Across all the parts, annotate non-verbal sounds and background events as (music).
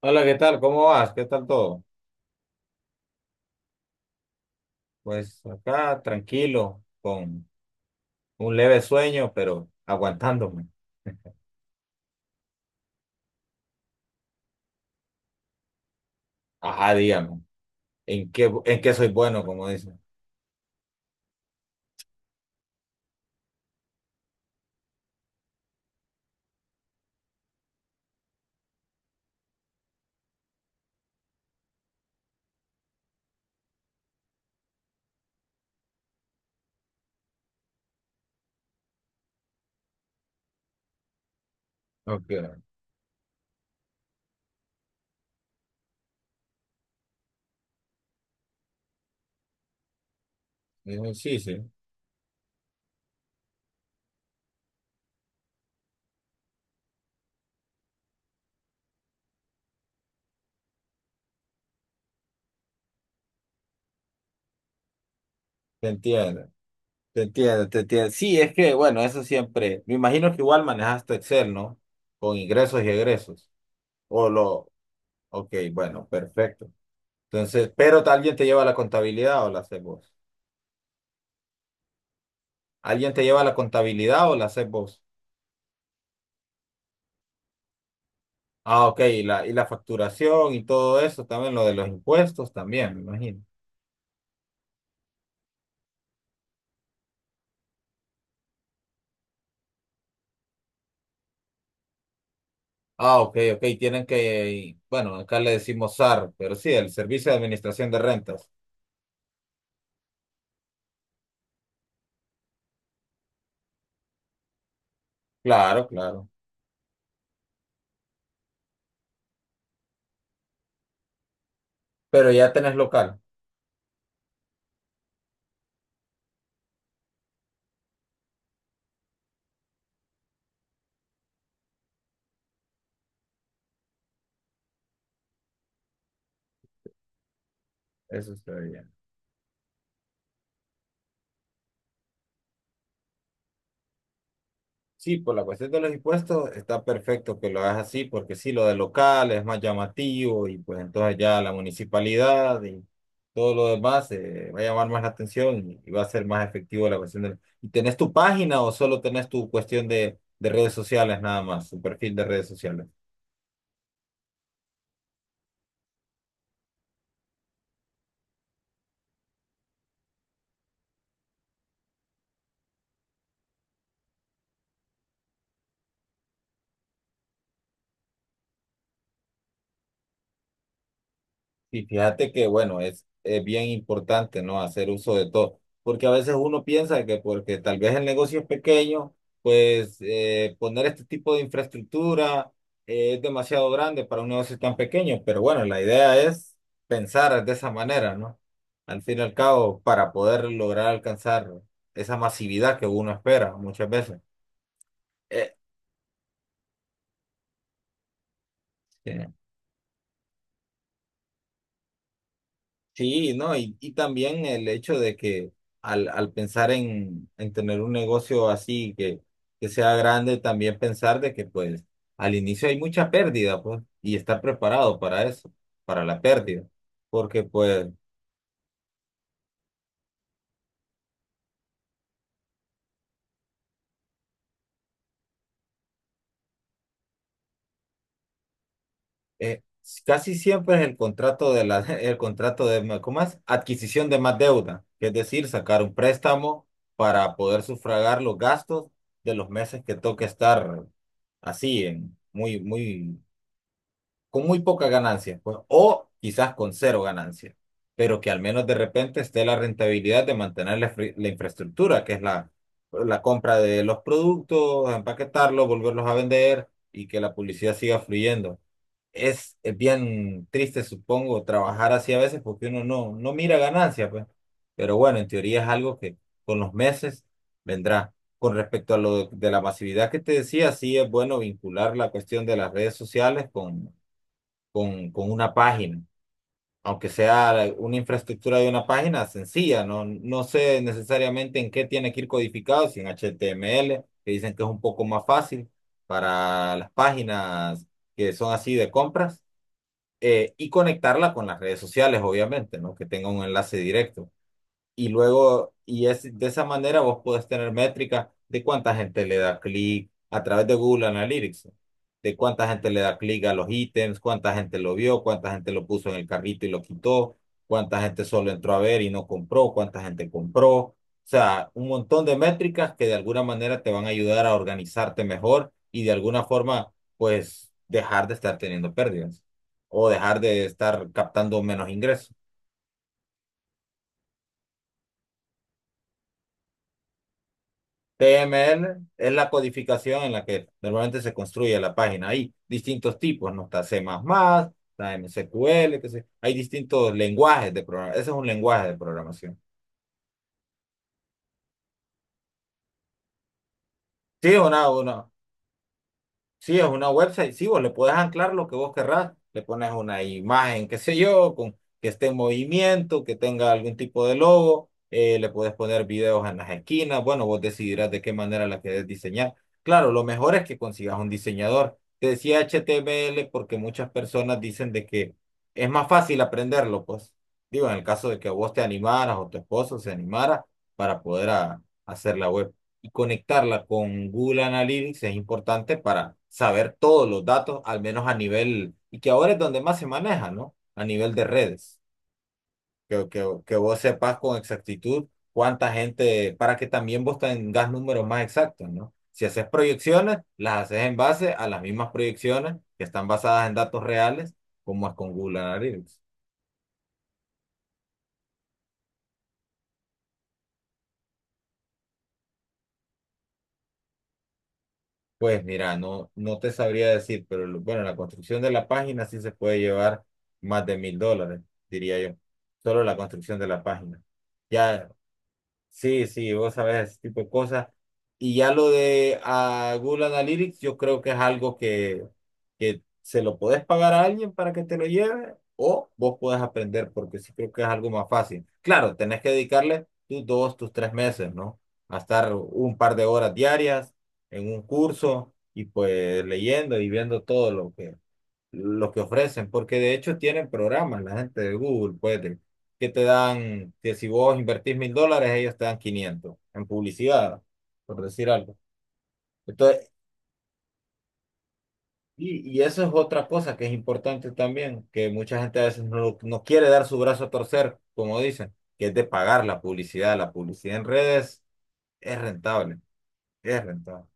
Hola, ¿qué tal? ¿Cómo vas? ¿Qué tal todo? Pues acá tranquilo, con un leve sueño, pero aguantándome. (laughs) Ajá, dígame, ¿en qué soy bueno, como dicen? Ok, digo, sí, sí, te entiendo, te entiendo, te entiendo. Sí, es que, bueno, eso siempre, me imagino que igual manejaste Excel, ¿no? Con ingresos y egresos. O lo, ok, bueno, perfecto. Entonces, ¿pero alguien te lleva la contabilidad o la haces vos? ¿Alguien te lleva la contabilidad o la haces vos? Ah, ok, y la, facturación y todo eso, también lo de los impuestos también, me imagino. Ah, ok, ok, tienen que, bueno, acá le decimos SAR, pero sí, el Servicio de Administración de Rentas. Claro, claro. Pero ya tenés local, eso está bien. Sí, por la cuestión de los impuestos está perfecto que lo hagas así, porque sí, lo de local es más llamativo y pues entonces ya la municipalidad y todo lo demás va a llamar más la atención y va a ser más efectivo la cuestión del. ¿Y tenés tu página o solo tenés tu cuestión de redes sociales nada más, tu perfil de redes sociales? Y fíjate que, bueno, es bien importante, ¿no? Hacer uso de todo, porque a veces uno piensa que porque tal vez el negocio es pequeño, pues poner este tipo de infraestructura es demasiado grande para un negocio tan pequeño, pero bueno, la idea es pensar de esa manera, ¿no? Al fin y al cabo, para poder lograr alcanzar esa masividad que uno espera muchas veces. Eh, Sí. Sí, no, y, también el hecho de que al, pensar en tener un negocio así que sea grande, también pensar de que pues al inicio hay mucha pérdida, pues, y estar preparado para eso, para la pérdida, porque pues eh, casi siempre es el contrato de la, (laughs) el contrato de, ma- ¿cómo es? Adquisición de más deuda, que es decir, sacar un préstamo para poder sufragar los gastos de los meses que toque estar así, en, muy, muy con muy poca ganancia, pues, o quizás con cero ganancia, pero que al menos de repente esté la rentabilidad de mantener la infraestructura, que es la compra de los productos, empaquetarlos, volverlos a vender y que la publicidad siga fluyendo. Es bien triste, supongo, trabajar así a veces porque uno no mira ganancia, pues. Pero bueno, en teoría es algo que con los meses vendrá. Con respecto a lo de la masividad que te decía, sí es bueno vincular la cuestión de las redes sociales con una página, aunque sea una infraestructura de una página sencilla, no sé necesariamente en qué tiene que ir codificado, si en HTML, que dicen que es un poco más fácil para las páginas que son así de compras, y conectarla con las redes sociales, obviamente, ¿no? Que tenga un enlace directo. Y luego, y es de esa manera vos podés tener métrica de cuánta gente le da clic a través de Google Analytics, de cuánta gente le da clic a los ítems, cuánta gente lo vio, cuánta gente lo puso en el carrito y lo quitó, cuánta gente solo entró a ver y no compró, cuánta gente compró. O sea, un montón de métricas que de alguna manera te van a ayudar a organizarte mejor y de alguna forma, pues, dejar de estar teniendo pérdidas o dejar de estar captando menos ingresos. TML es la codificación en la que normalmente se construye la página. Hay distintos tipos, ¿no? Está C++, más está MCQL, que se Hay distintos lenguajes de programación. Ese es un lenguaje de programación. Sí, una, una. Sí, es una website, sí, vos le puedes anclar lo que vos querrás, le pones una imagen, qué sé yo, que esté en movimiento, que tenga algún tipo de logo, le puedes poner videos en las esquinas, bueno, vos decidirás de qué manera la querés diseñar. Claro, lo mejor es que consigas un diseñador. Te decía HTML porque muchas personas dicen de que es más fácil aprenderlo, pues digo, en el caso de que vos te animaras o tu esposo se animara para poder hacer la web y conectarla con Google Analytics es importante para saber todos los datos, al menos a nivel, y que ahora es donde más se maneja, ¿no? A nivel de redes, que vos sepas con exactitud cuánta gente, para que también vos tengas números más exactos, ¿no? Si haces proyecciones, las haces en base a las mismas proyecciones que están basadas en datos reales, como es con Google Analytics. Pues mira, no te sabría decir, pero bueno, la construcción de la página sí se puede llevar más de $1,000, diría yo. Solo la construcción de la página. Ya, sí, sí, vos sabés ese tipo de cosas. Y ya lo de Google Analytics, yo creo que es algo que se lo podés pagar a alguien para que te lo lleve o vos podés aprender, porque sí creo que es algo más fácil. Claro, tenés que dedicarle tus dos, tus 3 meses, ¿no? A estar un par de horas diarias en un curso y pues leyendo y viendo todo lo que ofrecen, porque de hecho tienen programas, la gente de Google, pues, que te dan, que si vos invertís $1,000, ellos te dan 500 en publicidad, por decir algo. Entonces, y, eso es otra cosa que es importante también, que mucha gente a veces no quiere dar su brazo a torcer, como dicen, que es de pagar la publicidad. La publicidad en redes es rentable, es rentable.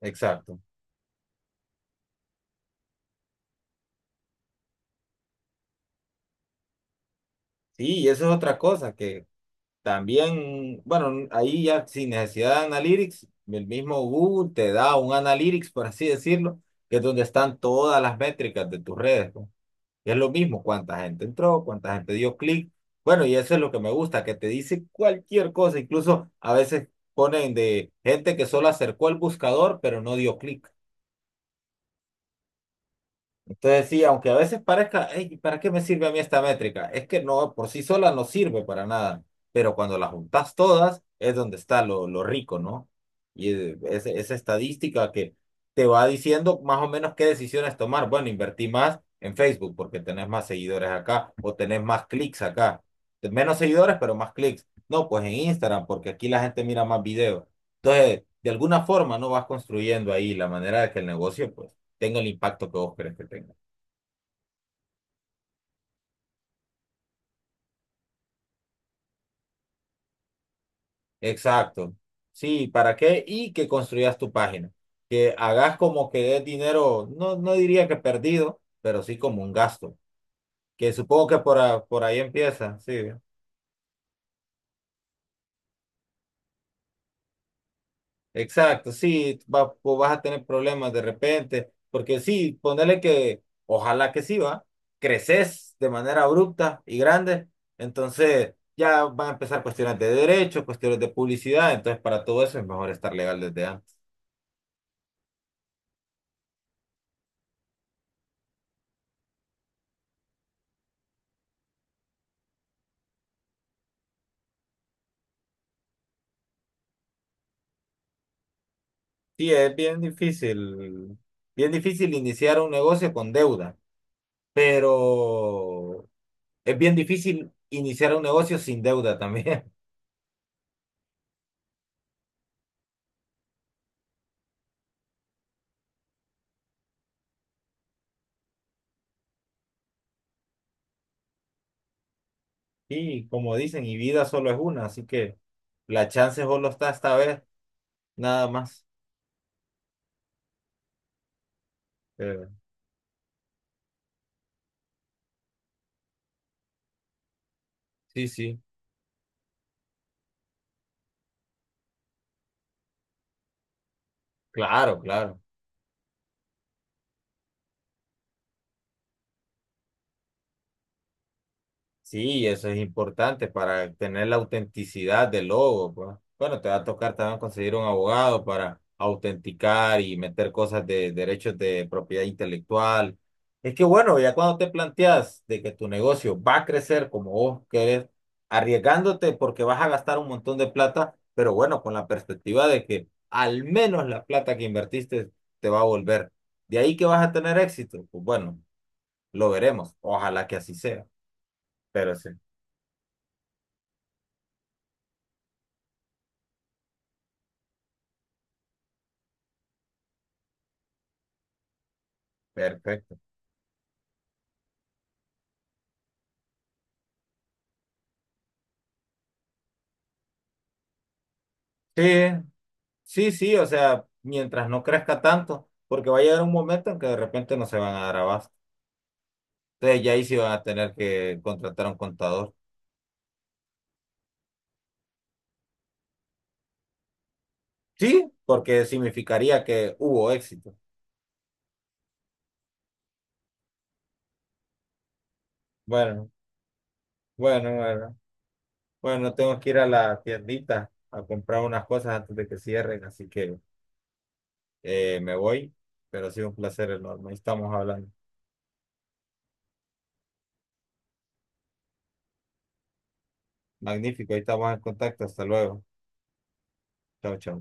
Exacto. Sí, y eso es otra cosa, que También, bueno, ahí ya sin necesidad de Analytics, el mismo Google te da un Analytics, por así decirlo, que es donde están todas las métricas de tus redes, ¿no? Y es lo mismo, cuánta gente entró, cuánta gente dio clic. Bueno, y eso es lo que me gusta, que te dice cualquier cosa, incluso a veces ponen de gente que solo acercó el buscador, pero no dio clic. Entonces, sí, aunque a veces parezca: "Ey, ¿para qué me sirve a mí esta métrica?". Es que no, por sí sola no sirve para nada, pero cuando las juntas todas es donde está lo rico, ¿no? Y esa estadística que te va diciendo más o menos qué decisiones tomar. Bueno, invertí más en Facebook porque tenés más seguidores acá o tenés más clics acá. Menos seguidores, pero más clics. No, pues en Instagram porque aquí la gente mira más videos. Entonces, de alguna forma, ¿no? Vas construyendo ahí la manera de que el negocio, pues tenga el impacto que vos querés que tenga. Exacto. Sí, ¿para qué? Y que construyas tu página. Que hagas como que es dinero, no diría que perdido, pero sí como un gasto. Que supongo que por ahí empieza, sí. Exacto, sí, pues vas a tener problemas de repente, porque sí, ponele que, ojalá que sí, va, creces de manera abrupta y grande, entonces ya van a empezar cuestiones de derechos, cuestiones de publicidad, entonces para todo eso es mejor estar legal desde antes. Sí, es bien difícil iniciar un negocio con deuda, pero es bien difícil iniciar un negocio sin deuda también. (laughs) Y como dicen, y vida solo es una, así que la chance solo está esta vez, nada más. Pero sí, sí, claro, claro. Sí, eso es importante para tener la autenticidad del logo, pues. Bueno, te va a tocar también conseguir un abogado para autenticar y meter cosas de derechos de propiedad intelectual. Es que bueno, ya cuando te planteas de que tu negocio va a crecer como vos querés, arriesgándote porque vas a gastar un montón de plata, pero bueno, con la perspectiva de que al menos la plata que invertiste te va a volver. De ahí que vas a tener éxito, pues bueno, lo veremos. Ojalá que así sea, pero sí. Perfecto. Sí, sí, sí, o sea, mientras no crezca tanto, porque va a llegar un momento en que de repente no se van a dar abasto. Entonces ya ahí sí van a tener que contratar a un contador. Sí, porque significaría que hubo éxito. Bueno, bueno, bueno. Bueno, tengo que ir a la tiendita a comprar unas cosas antes de que cierren, así que me voy, pero ha sido un placer enorme. Ahí estamos hablando. Magnífico, ahí estamos en contacto. Hasta luego. Chao, chao.